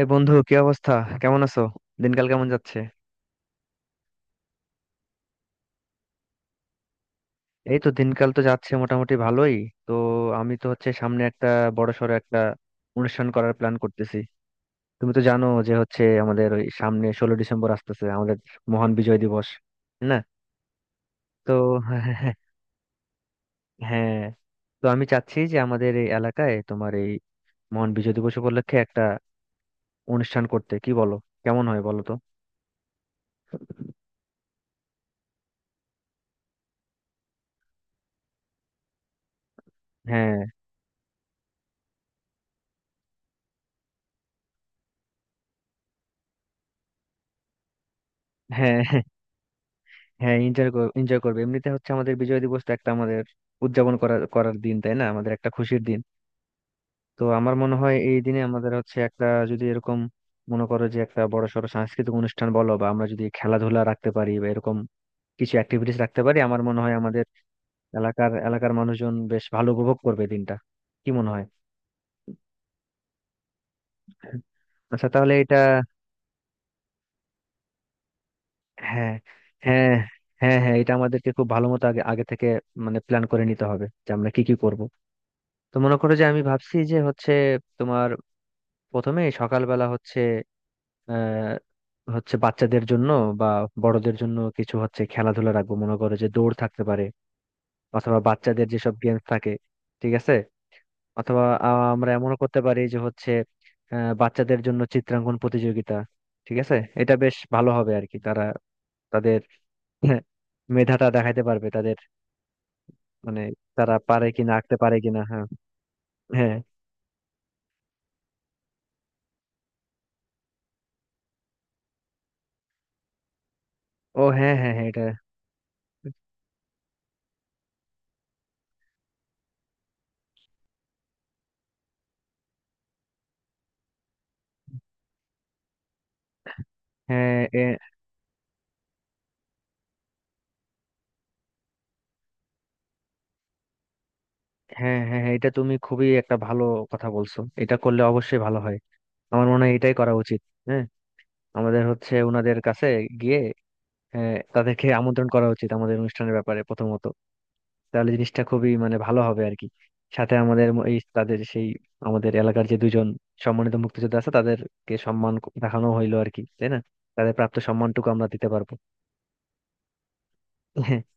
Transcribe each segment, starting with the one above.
এ বন্ধু, কি অবস্থা? কেমন আছো? দিনকাল কেমন যাচ্ছে? এই তো, দিনকাল তো যাচ্ছে মোটামুটি ভালোই। তো আমি তো হচ্ছে সামনে একটা বড় সড়ো একটা অনুষ্ঠান করার প্ল্যান করতেছি। তুমি তো জানো যে হচ্ছে আমাদের ওই সামনে 16 ডিসেম্বর আসতেছে, আমাদের মহান বিজয় দিবস, তাই না? তো হ্যাঁ, তো আমি চাচ্ছি যে আমাদের এই এলাকায় তোমার এই মহান বিজয় দিবস উপলক্ষে একটা অনুষ্ঠান করতে, কি বলো? কেমন হয় বলো তো? হ্যাঁ, হ্যাঁ, হ্যাঁ, এনজয়, এনজয় করবে। এমনিতে হচ্ছে আমাদের বিজয় দিবস তো একটা আমাদের উদযাপন করার করার দিন, তাই না? আমাদের একটা খুশির দিন। তো আমার মনে হয় এই দিনে আমাদের হচ্ছে একটা, যদি এরকম মনে করো যে একটা বড়সড় সাংস্কৃতিক অনুষ্ঠান বলো, বা আমরা যদি খেলাধুলা রাখতে পারি, বা এরকম কিছু অ্যাক্টিভিটিস রাখতে পারি, আমার মনে হয় আমাদের এলাকার এলাকার মানুষজন বেশ ভালো উপভোগ করবে দিনটা। কি মনে হয়? আচ্ছা, তাহলে এটা হ্যাঁ, হ্যাঁ, হ্যাঁ, হ্যাঁ, এটা আমাদেরকে খুব ভালো মতো আগে আগে থেকে মানে প্ল্যান করে নিতে হবে যে আমরা কি কি করব। তো মনে করো যে আমি ভাবছি যে হচ্ছে তোমার প্রথমে সকালবেলা হচ্ছে আহ হচ্ছে বাচ্চাদের জন্য বা বড়দের জন্য কিছু হচ্ছে খেলাধুলা রাখবো, মনে করো যে দৌড় থাকতে পারে, অথবা বাচ্চাদের যেসব গেমস থাকে। ঠিক আছে। অথবা আমরা এমনও করতে পারি যে হচ্ছে বাচ্চাদের জন্য চিত্রাঙ্কন প্রতিযোগিতা। ঠিক আছে। এটা বেশ ভালো হবে আর কি, তারা তাদের মেধাটা দেখাইতে পারবে। তাদের মানে তারা পারে কিনা, আঁকতে পারে কিনা। হ্যাঁ, হ্যাঁ, ও হ্যাঁ, হ্যাঁ, হ্যাঁ, এটা হ্যাঁ, হ্যাঁ, হ্যাঁ, হ্যাঁ, এটা তুমি খুবই একটা ভালো কথা বলছো। এটা করলে অবশ্যই ভালো হয়। আমার মনে হয় এটাই করা উচিত। হ্যাঁ, আমাদের হচ্ছে ওনাদের কাছে গিয়ে হ্যাঁ, তাদেরকে আমন্ত্রণ করা উচিত আমাদের অনুষ্ঠানের ব্যাপারে প্রথমত। তাহলে জিনিসটা খুবই মানে ভালো হবে আর কি। সাথে আমাদের এই তাদের সেই আমাদের এলাকার যে দুজন সম্মানিত মুক্তিযোদ্ধা আছে তাদেরকে সম্মান দেখানো হইলো আর কি, তাই না? তাদের প্রাপ্ত সম্মানটুকু আমরা দিতে পারবো।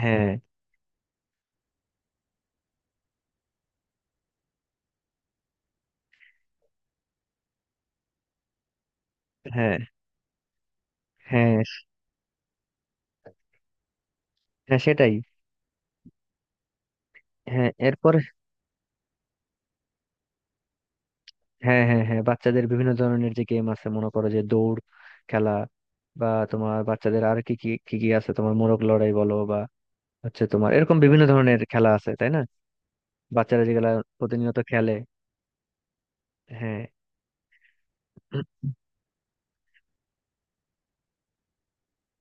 হ্যাঁ, হ্যাঁ, হ্যাঁ, হ্যাঁ, হ্যাঁ, সেটাই। হ্যাঁ এরপরে হ্যাঁ, হ্যাঁ, হ্যাঁ, বাচ্চাদের বিভিন্ন ধরনের যে গেম আছে, মনে করো যে দৌড় খেলা, বা তোমার বাচ্চাদের আর কি কি আছে, তোমার মোরগ লড়াই বলো, বা হচ্ছে তোমার এরকম বিভিন্ন ধরনের খেলা আছে, তাই না? বাচ্চারা যেগুলা প্রতিনিয়ত খেলে। হ্যাঁ,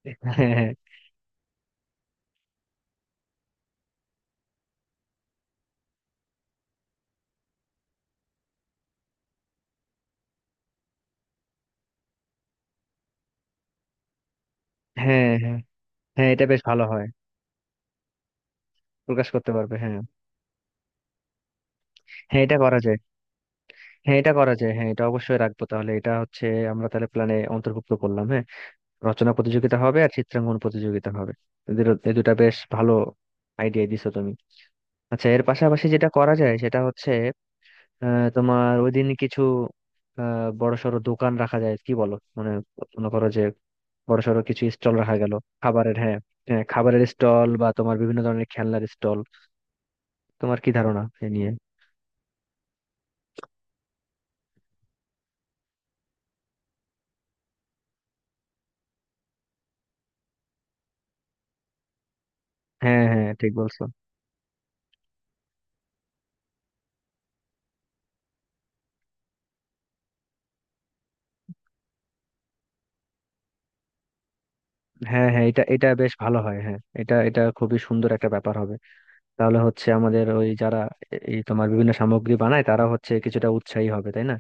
হ্যাঁ, হ্যাঁ, হ্যাঁ, হ্যাঁ, হ্যাঁ, এটা বেশ ভালো হয়, প্রকাশ করতে পারবে। হ্যাঁ, হ্যাঁ, এটা করা যায়, হ্যাঁ এটা করা যায়, হ্যাঁ এটা অবশ্যই রাখবো। তাহলে এটা হচ্ছে আমরা তাহলে প্ল্যানে অন্তর্ভুক্ত করলাম, হ্যাঁ। রচনা প্রতিযোগিতা হবে আর চিত্রাঙ্কন প্রতিযোগিতা হবে। এদের এই দুটা বেশ ভালো আইডিয়া দিছো তুমি। আচ্ছা, এর পাশাপাশি যেটা করা যায় সেটা হচ্ছে তোমার ওই দিন কিছু বড়সড় দোকান রাখা যায়, কি বলো? মানে মনে করো যে বড়সড় কিছু স্টল রাখা গেল। খাবারের, হ্যাঁ, হ্যাঁ, খাবারের স্টল, বা তোমার বিভিন্ন ধরনের খেলনার স্টল। তোমার কি ধারণা এ নিয়ে? হ্যাঁ, হ্যাঁ, ঠিক বলছো। হ্যাঁ, হ্যাঁ, এটা এটা বেশ ভালো হয়, হ্যাঁ এটা এটা খুবই সুন্দর একটা ব্যাপার হবে। তাহলে হচ্ছে আমাদের ওই যারা এই তোমার বিভিন্ন সামগ্রী বানায়, তারা হচ্ছে কিছুটা উৎসাহী হবে, তাই না?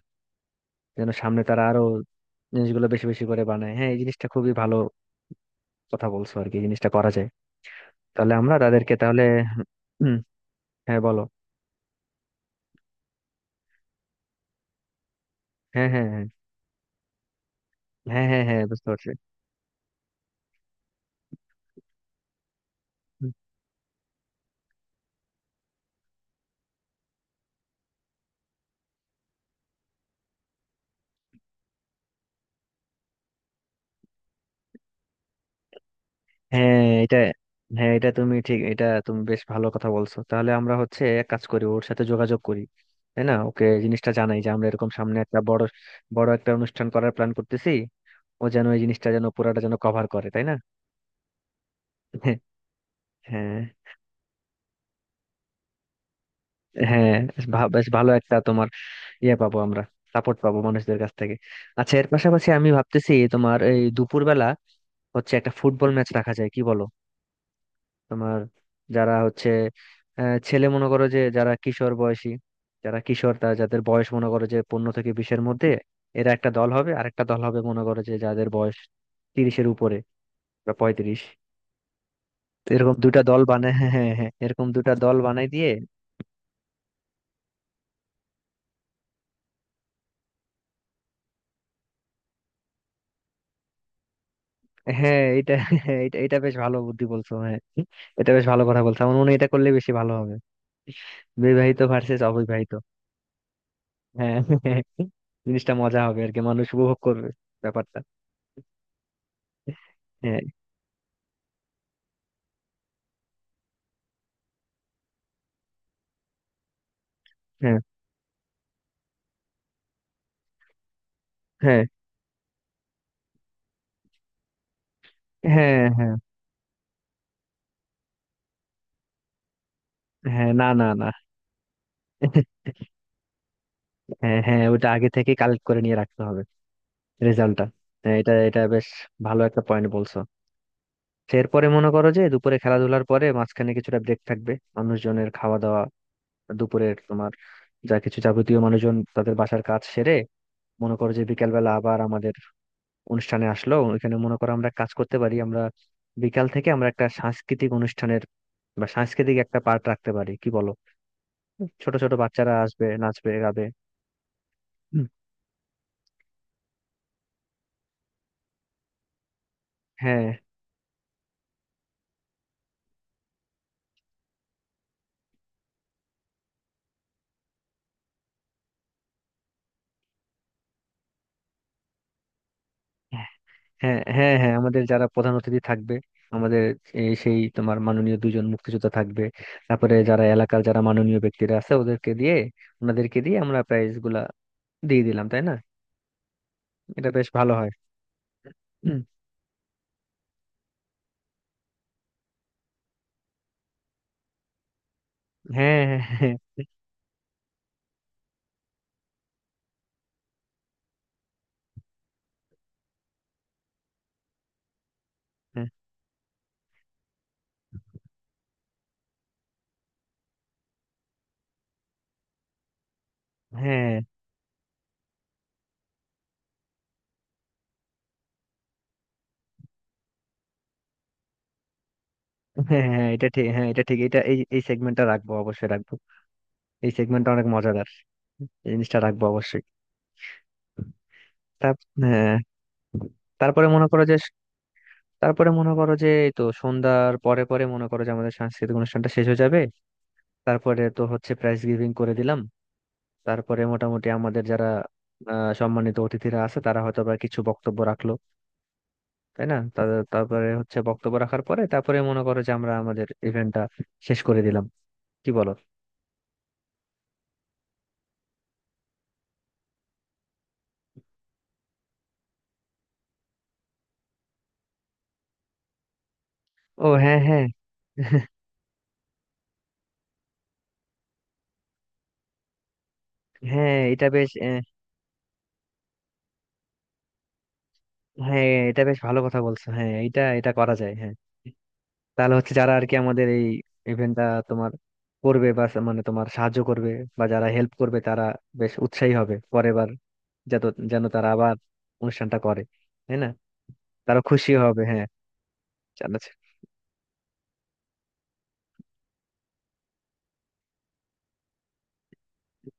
যেন সামনে তারা আরো জিনিসগুলো বেশি বেশি করে বানায়। হ্যাঁ, এই জিনিসটা খুবই ভালো কথা বলছো আর কি, জিনিসটা করা যায়। তাহলে আমরা তাদেরকে তাহলে হুম, হ্যাঁ বলো। হ্যাঁ, হ্যাঁ, হ্যাঁ, হ্যাঁ, হ্যাঁ, হ্যাঁ, বুঝতে পারছি। হুম, হ্যাঁ এটা হ্যাঁ, এটা তুমি ঠিক, এটা তুমি বেশ ভালো কথা বলছো। তাহলে আমরা হচ্ছে এক কাজ করি, ওর সাথে যোগাযোগ করি, তাই না? ওকে জিনিসটা জানাই যে আমরা এরকম সামনে একটা বড় বড় একটা অনুষ্ঠান করার প্ল্যান করতেছি, ও যেন এই জিনিসটা যেন পুরাটা যেন কভার করে, তাই না? হ্যাঁ, হ্যাঁ, বেশ ভালো একটা তোমার ইয়ে পাবো আমরা, সাপোর্ট পাবো মানুষদের কাছ থেকে। আচ্ছা, এর পাশাপাশি আমি ভাবতেছি তোমার এই দুপুরবেলা হচ্ছে একটা ফুটবল ম্যাচ রাখা যায়, কি বলো? তোমার যারা হচ্ছে ছেলে মনে করো যে যারা কিশোর বয়সী, যারা কিশোর, তারা যাদের বয়স মনে করো যে 15 থেকে 20-এর মধ্যে, এরা একটা দল হবে, আর একটা দল হবে মনে করো যে যাদের বয়স 30-এর উপরে বা 35। তো এরকম দুটা দল বানায় হ্যাঁ, হ্যাঁ, হ্যাঁ, এরকম দুটা দল বানাই দিয়ে হ্যাঁ এটা হ্যাঁ, এটা এটা বেশ ভালো বুদ্ধি বলছো। হ্যাঁ, এটা বেশ ভালো কথা বলছো, আমার মনে হয় এটা করলে বেশি ভালো হবে। বিবাহিত ভার্সেস অবিবাহিত হ্যাঁ, হ্যাঁ, হ্যাঁ, জিনিসটা মজা হবে আর কি, মানুষ উপভোগ করবে ব্যাপারটা। হ্যাঁ, হ্যাঁ, হ্যাঁ, হ্যাঁ, হ্যাঁ, হ্যাঁ, না, না, না, হ্যাঁ, হ্যাঁ, ওটা আগে থেকে কালেক্ট করে নিয়ে রাখতে হবে, রেজাল্টটা। হ্যাঁ, এটা এটা বেশ ভালো একটা পয়েন্ট বলছো। তো এরপরে মনে করো যে দুপুরে খেলাধুলার পরে মাঝখানে কিছুটা ব্রেক থাকবে, মানুষজনের খাওয়া দাওয়া, দুপুরের তোমার যা কিছু যাবতীয় মানুষজন তাদের বাসার কাজ সেরে মনে করো যে বিকালবেলা আবার আমাদের অনুষ্ঠানে আসলো, ওইখানে মনে করো আমরা কাজ করতে পারি, আমরা বিকাল থেকে আমরা একটা সাংস্কৃতিক অনুষ্ঠানের বা সাংস্কৃতিক একটা পার্ট রাখতে পারি, কি বলো? ছোট ছোট বাচ্চারা আসবে, নাচবে, গাবে। হুম, হ্যাঁ, হ্যাঁ, হ্যাঁ, হ্যাঁ, আমাদের যারা প্রধান অতিথি থাকবে আমাদের এই সেই তোমার মাননীয় দুজন মুক্তিযোদ্ধা থাকবে, তারপরে যারা এলাকার যারা মাননীয় ব্যক্তিরা আছে ওদেরকে দিয়ে, ওনাদেরকে দিয়ে আমরা প্রাইজ গুলা দিয়ে দিলাম, তাই না? এটা বেশ ভালো হয়। হুম, হ্যাঁ, হ্যাঁ, হ্যাঁ, হ্যাঁ, হ্যাঁ, হ্যাঁ, এটা ঠিক, হ্যাঁ এটা ঠিক, এটা এই এই সেগমেন্টটা রাখবো, অবশ্যই রাখবো। এই সেগমেন্টটা অনেক মজাদার, এই জিনিসটা রাখবো অবশ্যই। তার হ্যাঁ, তারপরে মনে করো যে তারপরে মনে করো যে এই তো সন্ধ্যার পরে পরে মনে করো যে আমাদের সাংস্কৃতিক অনুষ্ঠানটা শেষ হয়ে যাবে, তারপরে তো হচ্ছে প্রাইজ গিভিং করে দিলাম, তারপরে মোটামুটি আমাদের যারা সম্মানিত অতিথিরা আছে তারা হয়তো বা কিছু বক্তব্য রাখলো, তাই না? তারপরে হচ্ছে বক্তব্য রাখার পরে তারপরে মনে করো যে আমরা আমাদের ইভেন্টটা শেষ করে দিলাম, কি বলো? ও হ্যাঁ, হ্যাঁ, হ্যাঁ এটা বেশ হ্যাঁ এটা বেশ ভালো কথা বলছো, হ্যাঁ এটা এটা করা যায়, হ্যাঁ। তাহলে হচ্ছে যারা আর কি আমাদের এই ইভেন্টটা তোমার করবে, বা মানে তোমার সাহায্য করবে বা যারা হেল্প করবে তারা বেশ উৎসাহী হবে পরের বার, যাতে যেন তারা আবার অনুষ্ঠানটা করে, তাই না? তারা খুশি হবে, হ্যাঁ। জানাচ্ছে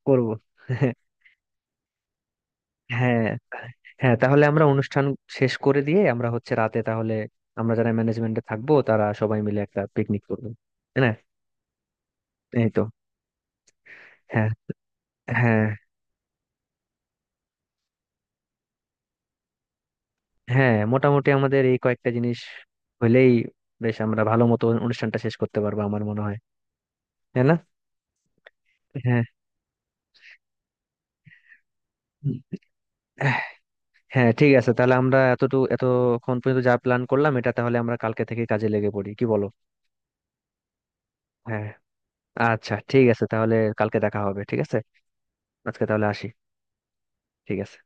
করবো হ্যাঁ, হ্যাঁ, তাহলে আমরা অনুষ্ঠান শেষ করে দিয়ে আমরা হচ্ছে রাতে তাহলে আমরা যারা ম্যানেজমেন্টে থাকবো তারা সবাই মিলে একটা পিকনিক করবো, তাই না? এই তো হ্যাঁ, হ্যাঁ, হ্যাঁ, মোটামুটি আমাদের এই কয়েকটা জিনিস হইলেই বেশ আমরা ভালো মতো অনুষ্ঠানটা শেষ করতে পারবো আমার মনে হয়, তাই না? হ্যাঁ, হ্যাঁ, ঠিক আছে, তাহলে আমরা এতটুকু এতক্ষণ পর্যন্ত যা প্ল্যান করলাম এটা তাহলে আমরা কালকে থেকে কাজে লেগে পড়ি, কি বলো? হ্যাঁ, আচ্ছা ঠিক আছে, তাহলে কালকে দেখা হবে, ঠিক আছে? আজকে তাহলে আসি। ঠিক আছে।